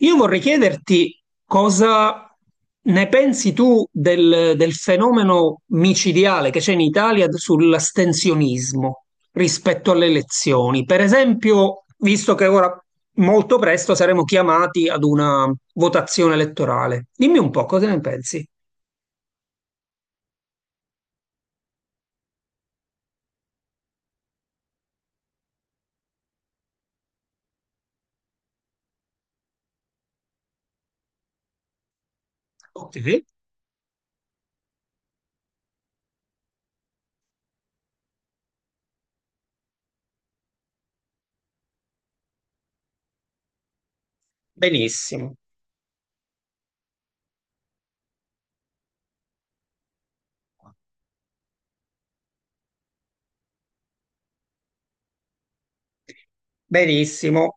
Io vorrei chiederti cosa ne pensi tu del fenomeno micidiale che c'è in Italia sull'astensionismo rispetto alle elezioni. Per esempio, visto che ora molto presto saremo chiamati ad una votazione elettorale, dimmi un po' cosa ne pensi. Ok. Benissimo, benissimo.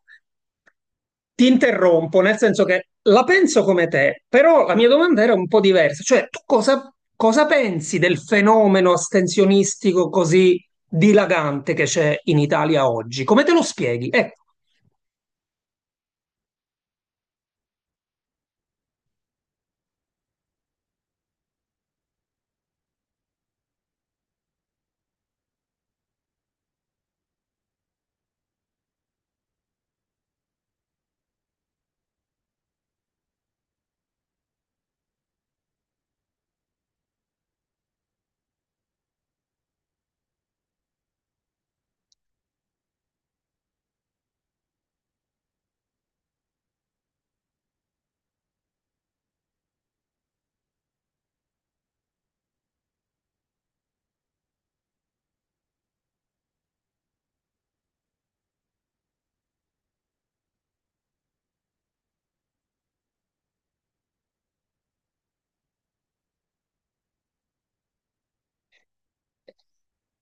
Ti interrompo, nel senso che la penso come te, però la mia domanda era un po' diversa, cioè tu cosa pensi del fenomeno astensionistico così dilagante che c'è in Italia oggi? Come te lo spieghi? Ecco.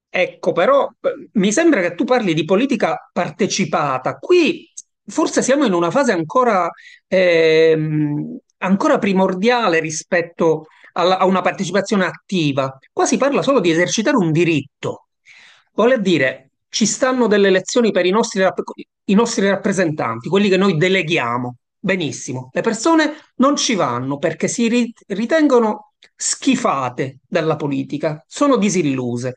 Ecco, però mi sembra che tu parli di politica partecipata. Qui forse siamo in una fase ancora, ancora primordiale rispetto a una partecipazione attiva. Qua si parla solo di esercitare un diritto. Vuole dire, ci stanno delle elezioni per i nostri, i nostri rappresentanti, quelli che noi deleghiamo. Benissimo. Le persone non ci vanno perché ritengono schifate dalla politica, sono disilluse.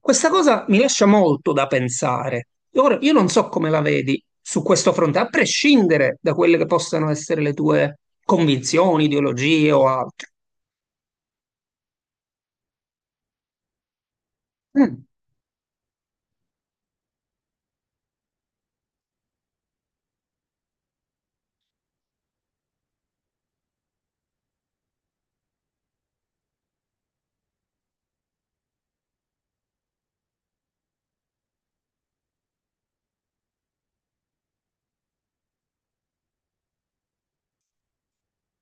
Questa cosa mi lascia molto da pensare. Ora, io non so come la vedi su questo fronte, a prescindere da quelle che possano essere le tue convinzioni, ideologie o altro. Mm.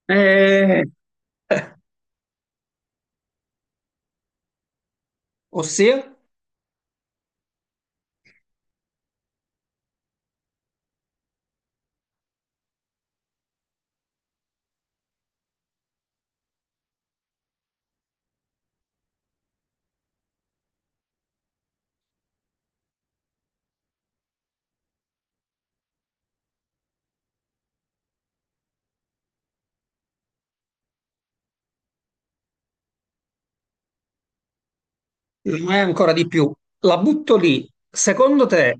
Eh, eh, ossia? Mai ancora di più. La butto lì. Secondo te,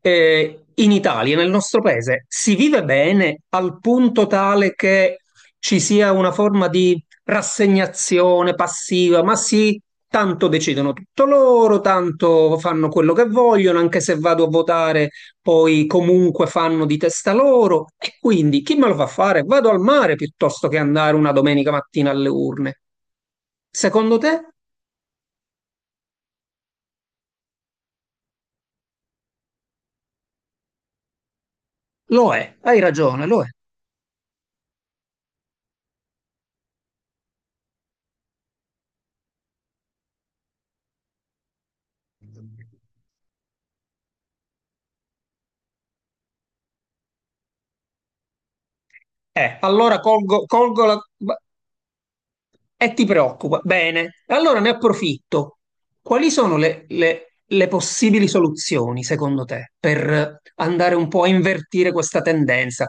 in Italia, nel nostro paese, si vive bene al punto tale che ci sia una forma di rassegnazione passiva? Ma sì, tanto decidono tutto loro, tanto fanno quello che vogliono, anche se vado a votare, poi comunque fanno di testa loro. E quindi chi me lo fa fare? Vado al mare piuttosto che andare una domenica mattina alle urne. Secondo te? Lo è, hai ragione, lo è. Allora colgo la... e ti preoccupa. Bene, allora ne approfitto. Quali sono le possibili soluzioni, secondo te, per andare un po' a invertire questa tendenza?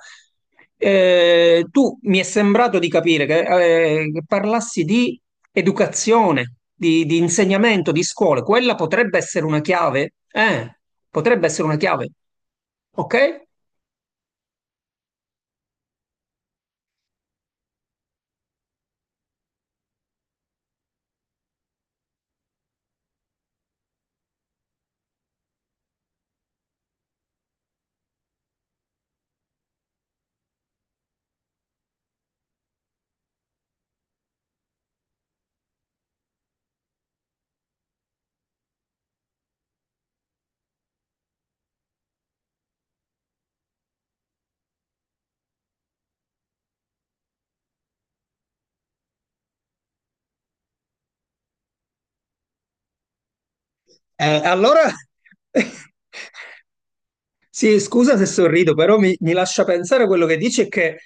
Tu mi è sembrato di capire che parlassi di educazione, di insegnamento, di scuole. Quella potrebbe essere una chiave? Potrebbe essere una chiave, ok? Allora Sì, scusa se sorrido, però mi lascia pensare quello che dici è che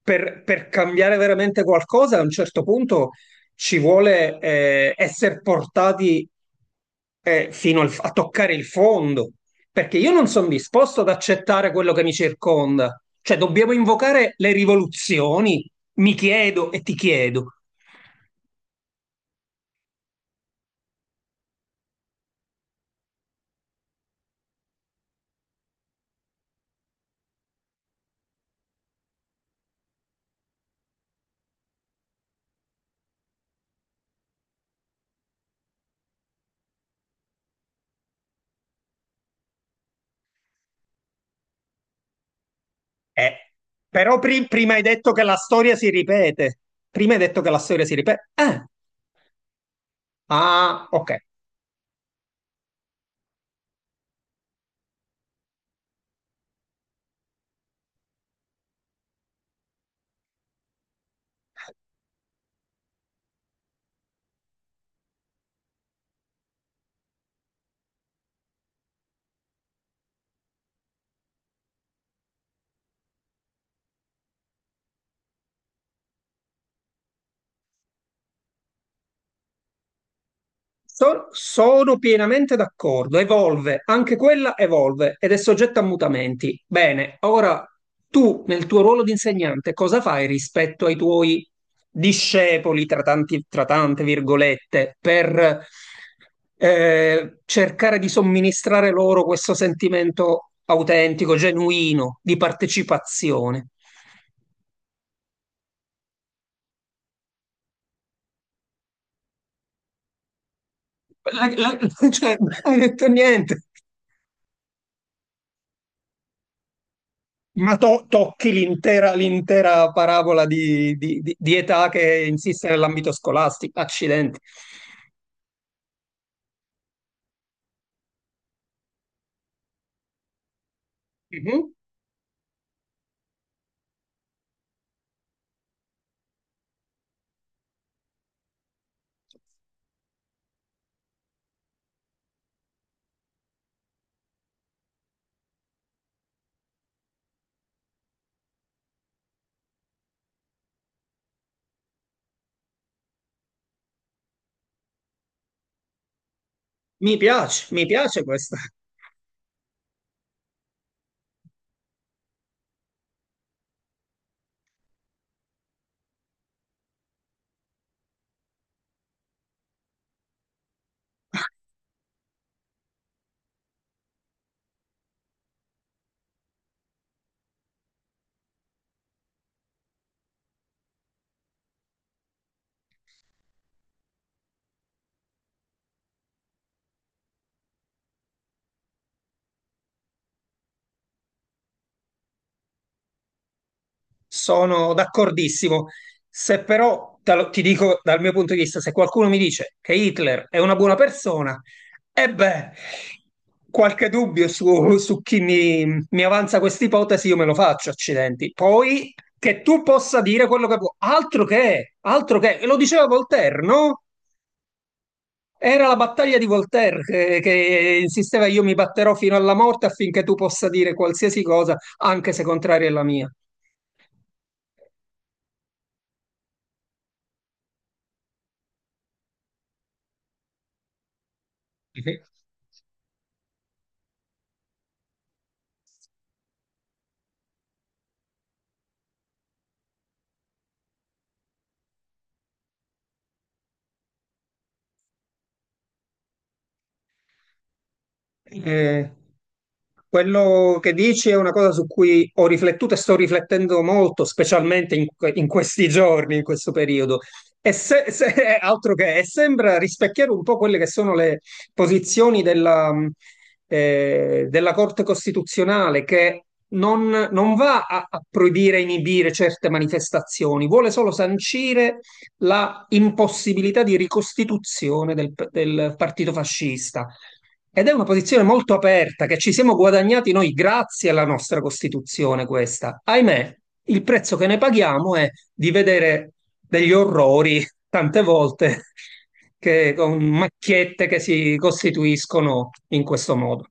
per cambiare veramente qualcosa a un certo punto ci vuole essere portati a toccare il fondo, perché io non sono disposto ad accettare quello che mi circonda. Cioè, dobbiamo invocare le rivoluzioni, mi chiedo e ti chiedo. Eh, però prima hai detto che la storia si ripete. Prima hai detto che la storia si ripete. Ah, ok. Sono pienamente d'accordo, evolve, anche quella evolve ed è soggetta a mutamenti. Bene, ora tu nel tuo ruolo di insegnante cosa fai rispetto ai tuoi discepoli, tra tanti, tra tante virgolette, per cercare di somministrare loro questo sentimento autentico, genuino, di partecipazione? La- la- cioè, non hai detto niente. Ma tocchi l'intera parabola di età che insiste nell'ambito scolastico. Accidenti. Mhm. Mi piace questa. Sono d'accordissimo. Se però ti dico dal mio punto di vista, se qualcuno mi dice che Hitler è una buona persona, e beh, qualche dubbio su, su chi mi avanza questa ipotesi, io me lo faccio, accidenti. Poi che tu possa dire quello che vuoi, altro che, e lo diceva Voltaire, no? Era la battaglia di Voltaire che insisteva io mi batterò fino alla morte affinché tu possa dire qualsiasi cosa, anche se contraria alla mia. Eh, quello che dici è una cosa su cui ho riflettuto e sto riflettendo molto, specialmente in questi giorni, in questo periodo. E è altro che, e sembra rispecchiare un po' quelle che sono le posizioni della, della Corte Costituzionale, che non va a proibire, inibire certe manifestazioni, vuole solo sancire la impossibilità di ricostituzione del partito fascista. Ed è una posizione molto aperta che ci siamo guadagnati noi grazie alla nostra Costituzione questa. Ahimè, il prezzo che ne paghiamo è di vedere degli orrori tante volte che, con macchiette che si costituiscono in questo modo.